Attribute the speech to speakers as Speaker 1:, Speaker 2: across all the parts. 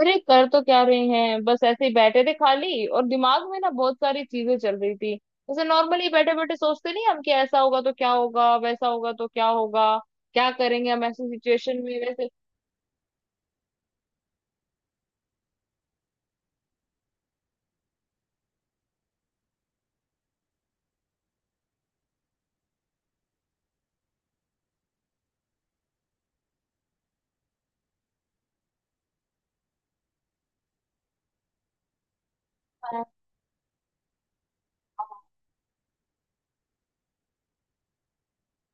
Speaker 1: अरे कर तो क्या रहे हैं बस ऐसे ही बैठे थे खाली और दिमाग में ना बहुत सारी चीजें चल रही थी। जैसे नॉर्मली बैठे बैठे सोचते नहीं हम कि ऐसा होगा तो क्या होगा वैसा होगा तो क्या होगा। क्या करेंगे हम ऐसी सिचुएशन में वैसे। हाँ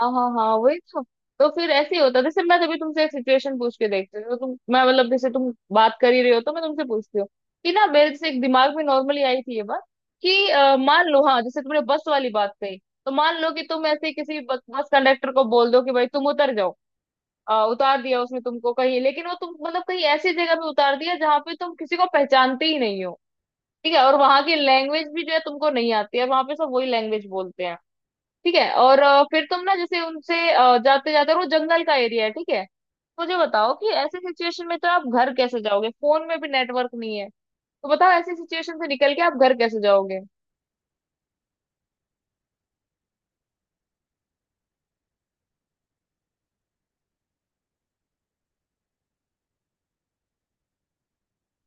Speaker 1: हाँ हाँ हाँ वही तो। तो फिर ऐसे ही होता है जैसे मैं तभी तुमसे एक सिचुएशन पूछ के देखती हूँ तो तुम मैं मतलब जैसे तुम बात कर ही रहे हो तो मैं तुमसे पूछती हूँ कि ना मेरे जैसे एक दिमाग में नॉर्मली आई थी ये बात कि मान लो। हाँ जैसे तुमने बस वाली बात कही तो मान लो कि तुम ऐसे किसी बस कंडक्टर को बोल दो कि भाई तुम उतर जाओ। उतार दिया उसने तुमको कहीं, लेकिन वो तुम मतलब कहीं ऐसी जगह पे उतार दिया जहाँ पे तुम किसी को पहचानते ही नहीं हो। ठीक है। और वहां की लैंग्वेज भी जो है तुमको नहीं आती है, वहां पे सब वही लैंग्वेज बोलते हैं। ठीक है। और फिर तुम ना जैसे उनसे जाते जाते, वो जंगल का एरिया है। ठीक है। तो मुझे बताओ कि ऐसे सिचुएशन में तो आप घर कैसे जाओगे, फोन में भी नेटवर्क नहीं है। तो बताओ ऐसी सिचुएशन से निकल के आप घर कैसे जाओगे।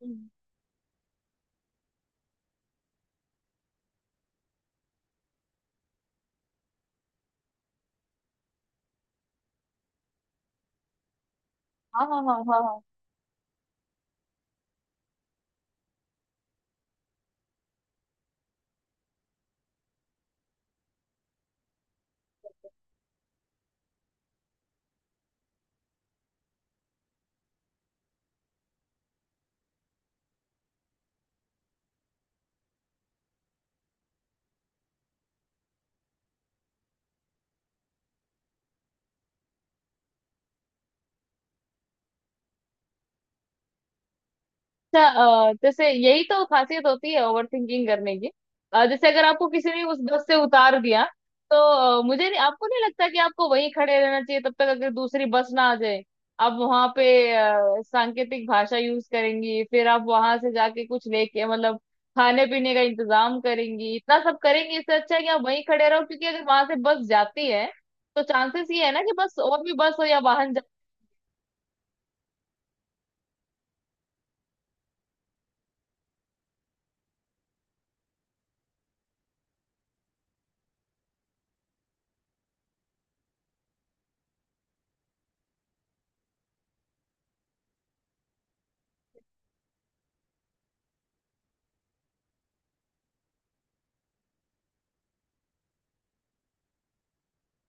Speaker 1: हम्म। हाँ हाँ हाँ हाँ। अच्छा। जैसे यही तो खासियत होती है ओवर थिंकिंग करने की। जैसे अगर आपको किसी ने उस बस से उतार दिया, तो अ, मुझे नहीं, आपको नहीं लगता कि आपको वहीं खड़े रहना चाहिए तब तक अगर दूसरी बस ना आ जाए? आप वहां पे सांकेतिक भाषा यूज करेंगी, फिर आप वहां से जाके कुछ लेके मतलब खाने पीने का इंतजाम करेंगी, इतना सब करेंगी। इससे अच्छा है कि आप वहीं खड़े रहो, क्योंकि अगर वहां से बस जाती है तो चांसेस ये है ना कि बस और भी बस हो या वाहन।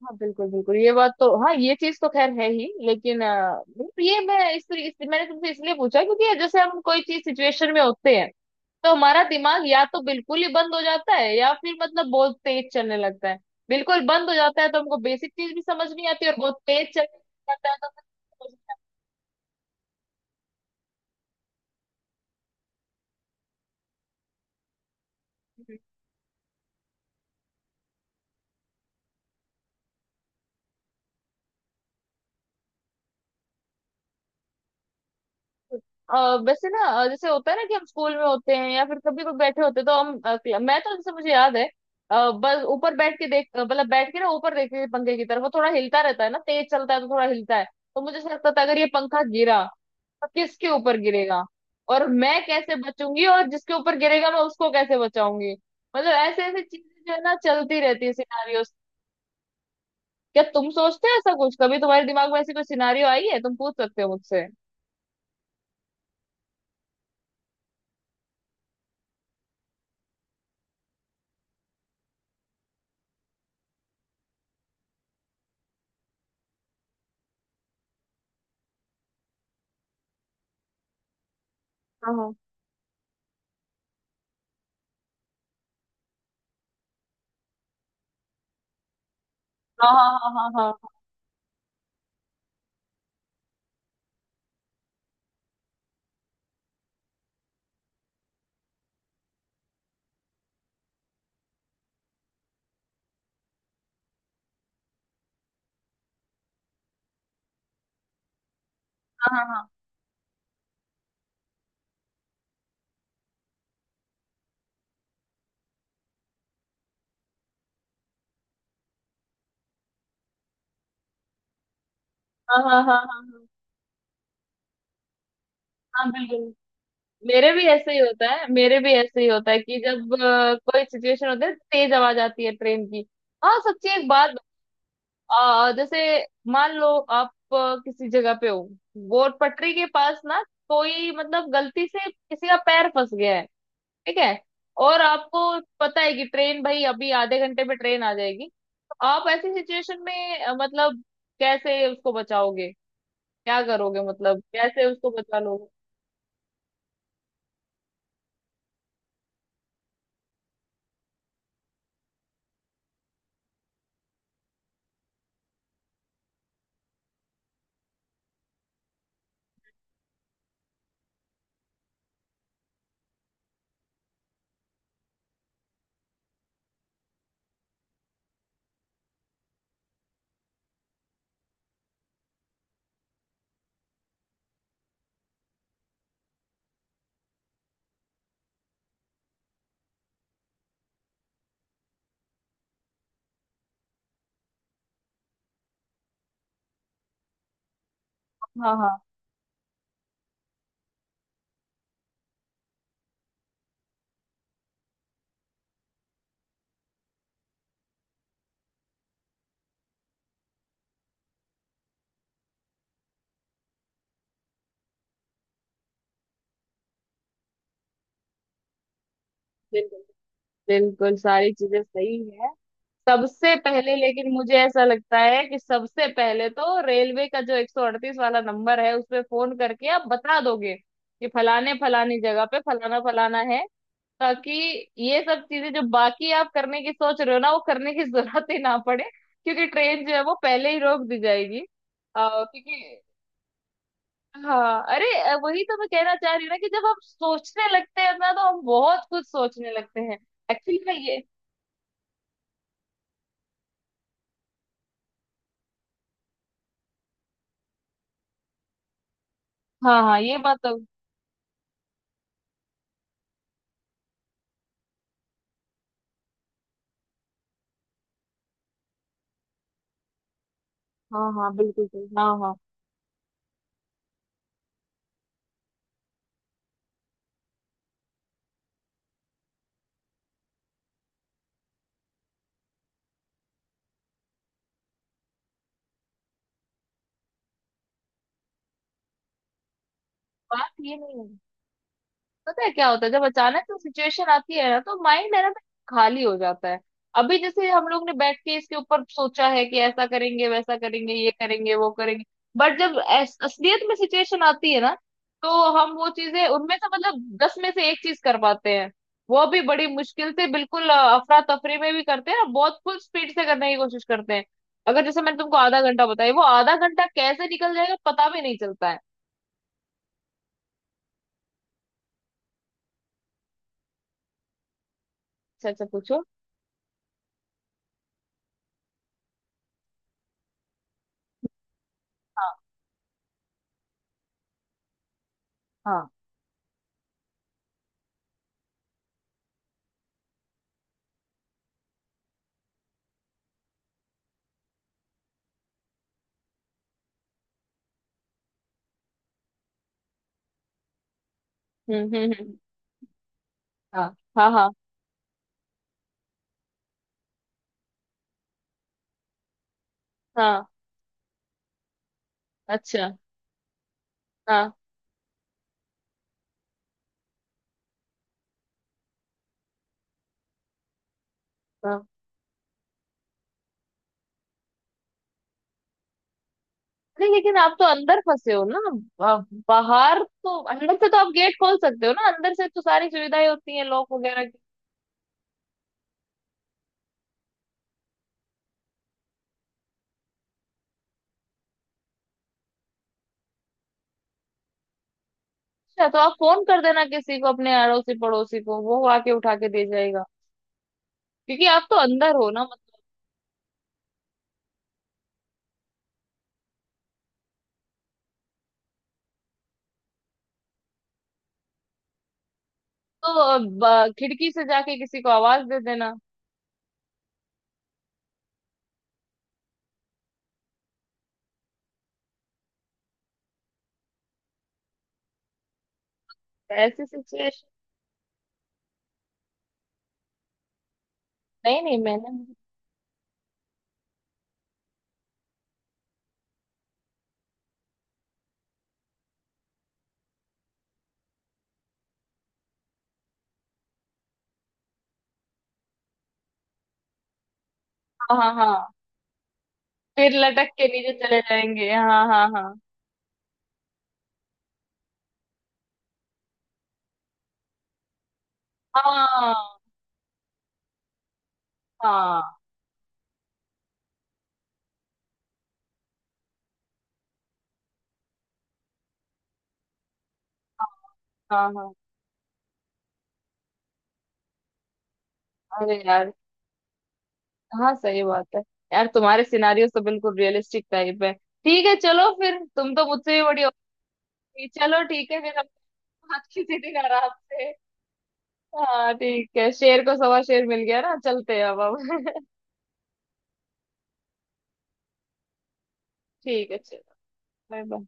Speaker 1: हाँ बिल्कुल बिल्कुल, ये बात तो, हाँ ये चीज तो खैर है ही, लेकिन मतलब ये मैं इस मैंने तुमसे इसलिए पूछा क्योंकि जैसे हम कोई चीज सिचुएशन में होते हैं, तो हमारा दिमाग या तो बिल्कुल ही बंद हो जाता है या फिर मतलब बहुत तेज चलने लगता है। बिल्कुल बंद हो जाता है तो हमको बेसिक चीज भी समझ नहीं आती, और बहुत तेज चलने लगता है तो वैसे ना, जैसे होता है ना कि हम स्कूल में होते हैं या फिर कभी कोई बैठे होते हैं, तो हम मैं तो, जैसे मुझे याद है, बस ऊपर बैठ के मतलब बैठ के ना ऊपर देख के पंखे की तरफ, वो थोड़ा हिलता रहता है ना, तेज चलता है तो थोड़ा हिलता है, तो मुझे ऐसा लगता था अगर ये पंखा गिरा तो किसके ऊपर गिरेगा, और मैं कैसे बचूंगी, और जिसके ऊपर गिरेगा मैं उसको कैसे बचाऊंगी। मतलब ऐसे ऐसे चीजें जो है ना, चलती रहती है, सिनारियोस। क्या तुम सोचते हो ऐसा कुछ? कभी तुम्हारे दिमाग में ऐसी कोई सिनारियो आई है? तुम पूछ सकते हो मुझसे। हाँ हाँ हाँ हाँ हाँ हाँ हाँ हाँ हाँ। हाँ हाँ हाँ हाँ हाँ हाँ। बिल्कुल। मेरे भी ऐसे ही होता है, मेरे भी ऐसे ही होता है कि जब कोई सिचुएशन होता है, तेज आवाज आती है ट्रेन की। हाँ सच्ची एक बात। जैसे मान लो आप किसी जगह पे हो, वो पटरी के पास ना, कोई मतलब गलती से किसी का पैर फंस गया है, ठीक है, और आपको पता है कि ट्रेन भाई अभी आधे घंटे में ट्रेन आ जाएगी। तो आप ऐसी सिचुएशन में मतलब कैसे उसको बचाओगे? क्या करोगे? मतलब कैसे उसको बचा लोगे? हाँ हाँ बिल्कुल बिल्कुल, सारी चीजें सही है। सबसे पहले, लेकिन मुझे ऐसा लगता है कि सबसे पहले तो रेलवे का जो 138 वाला नंबर है उस पे फोन करके आप बता दोगे कि फलाने फलानी जगह पे फलाना फलाना है, ताकि ये सब चीजें जो बाकी आप करने की सोच रहे हो ना वो करने की जरूरत ही ना पड़े, क्योंकि ट्रेन जो है वो पहले ही रोक दी जाएगी। क्योंकि हाँ, अरे, वही तो मैं कहना चाह रही हूँ ना कि जब हम सोचने लगते हैं ना तो हम बहुत कुछ सोचने लगते हैं। एक्चुअली में ये। हाँ हाँ, ये बात तो। हाँ हाँ बिल्कुल सही। हाँ हाँ। बात ये नहीं है। पता है क्या होता है? जब अचानक से सिचुएशन आती है ना, तो माइंड है ना, खाली हो जाता है। अभी जैसे हम लोग ने बैठ के इसके ऊपर सोचा है कि ऐसा करेंगे वैसा करेंगे ये करेंगे वो करेंगे, बट जब असलियत में सिचुएशन आती है ना, तो हम वो चीजें उनमें से मतलब 10 में से एक चीज कर पाते हैं, वो भी बड़ी मुश्किल से, बिल्कुल अफरा तफरी में भी करते हैं और बहुत फुल स्पीड से करने की कोशिश करते हैं। अगर जैसे मैंने तुमको आधा घंटा बताया, वो आधा घंटा कैसे निकल जाएगा पता भी नहीं चलता है। अच्छा अच्छा, पूछो। हाँ हाँ। हम्म। हाँ हाँ हाँ हाँ। अच्छा। हाँ हाँ। नहीं, लेकिन आप तो अंदर फंसे हो ना। बाहर तो, अंदर से तो आप गेट खोल सकते हो ना, अंदर से तो सारी सुविधाएं होती हैं लॉक वगैरह की। अच्छा तो आप फोन कर देना किसी को, अपने अड़ोसी पड़ोसी को, वो आके उठा के दे जाएगा, क्योंकि आप तो अंदर हो ना मतलब। तो खिड़की से जाके किसी को आवाज दे देना। ऐसी सिचुएशन। नहीं नहीं, मैंने। हाँ हाँ हाँ, फिर लटक के नीचे चले जाएंगे, हाँ हाँ हाँ। हाँ हाँ हाँ हाँ हाँ। अरे यार। हाँ सही बात है। यार तुम्हारे सिनारियों तो बिल्कुल रियलिस्टिक टाइप है। ठीक है चलो, फिर तुम तो मुझसे भी बड़ी हो गई। चलो ठीक है, फिर हम बात किसी दिन आराम से। हाँ ठीक है, शेर को सवा शेर मिल गया ना, चलते हैं अब हम। ठीक है चलो, बाय बाय।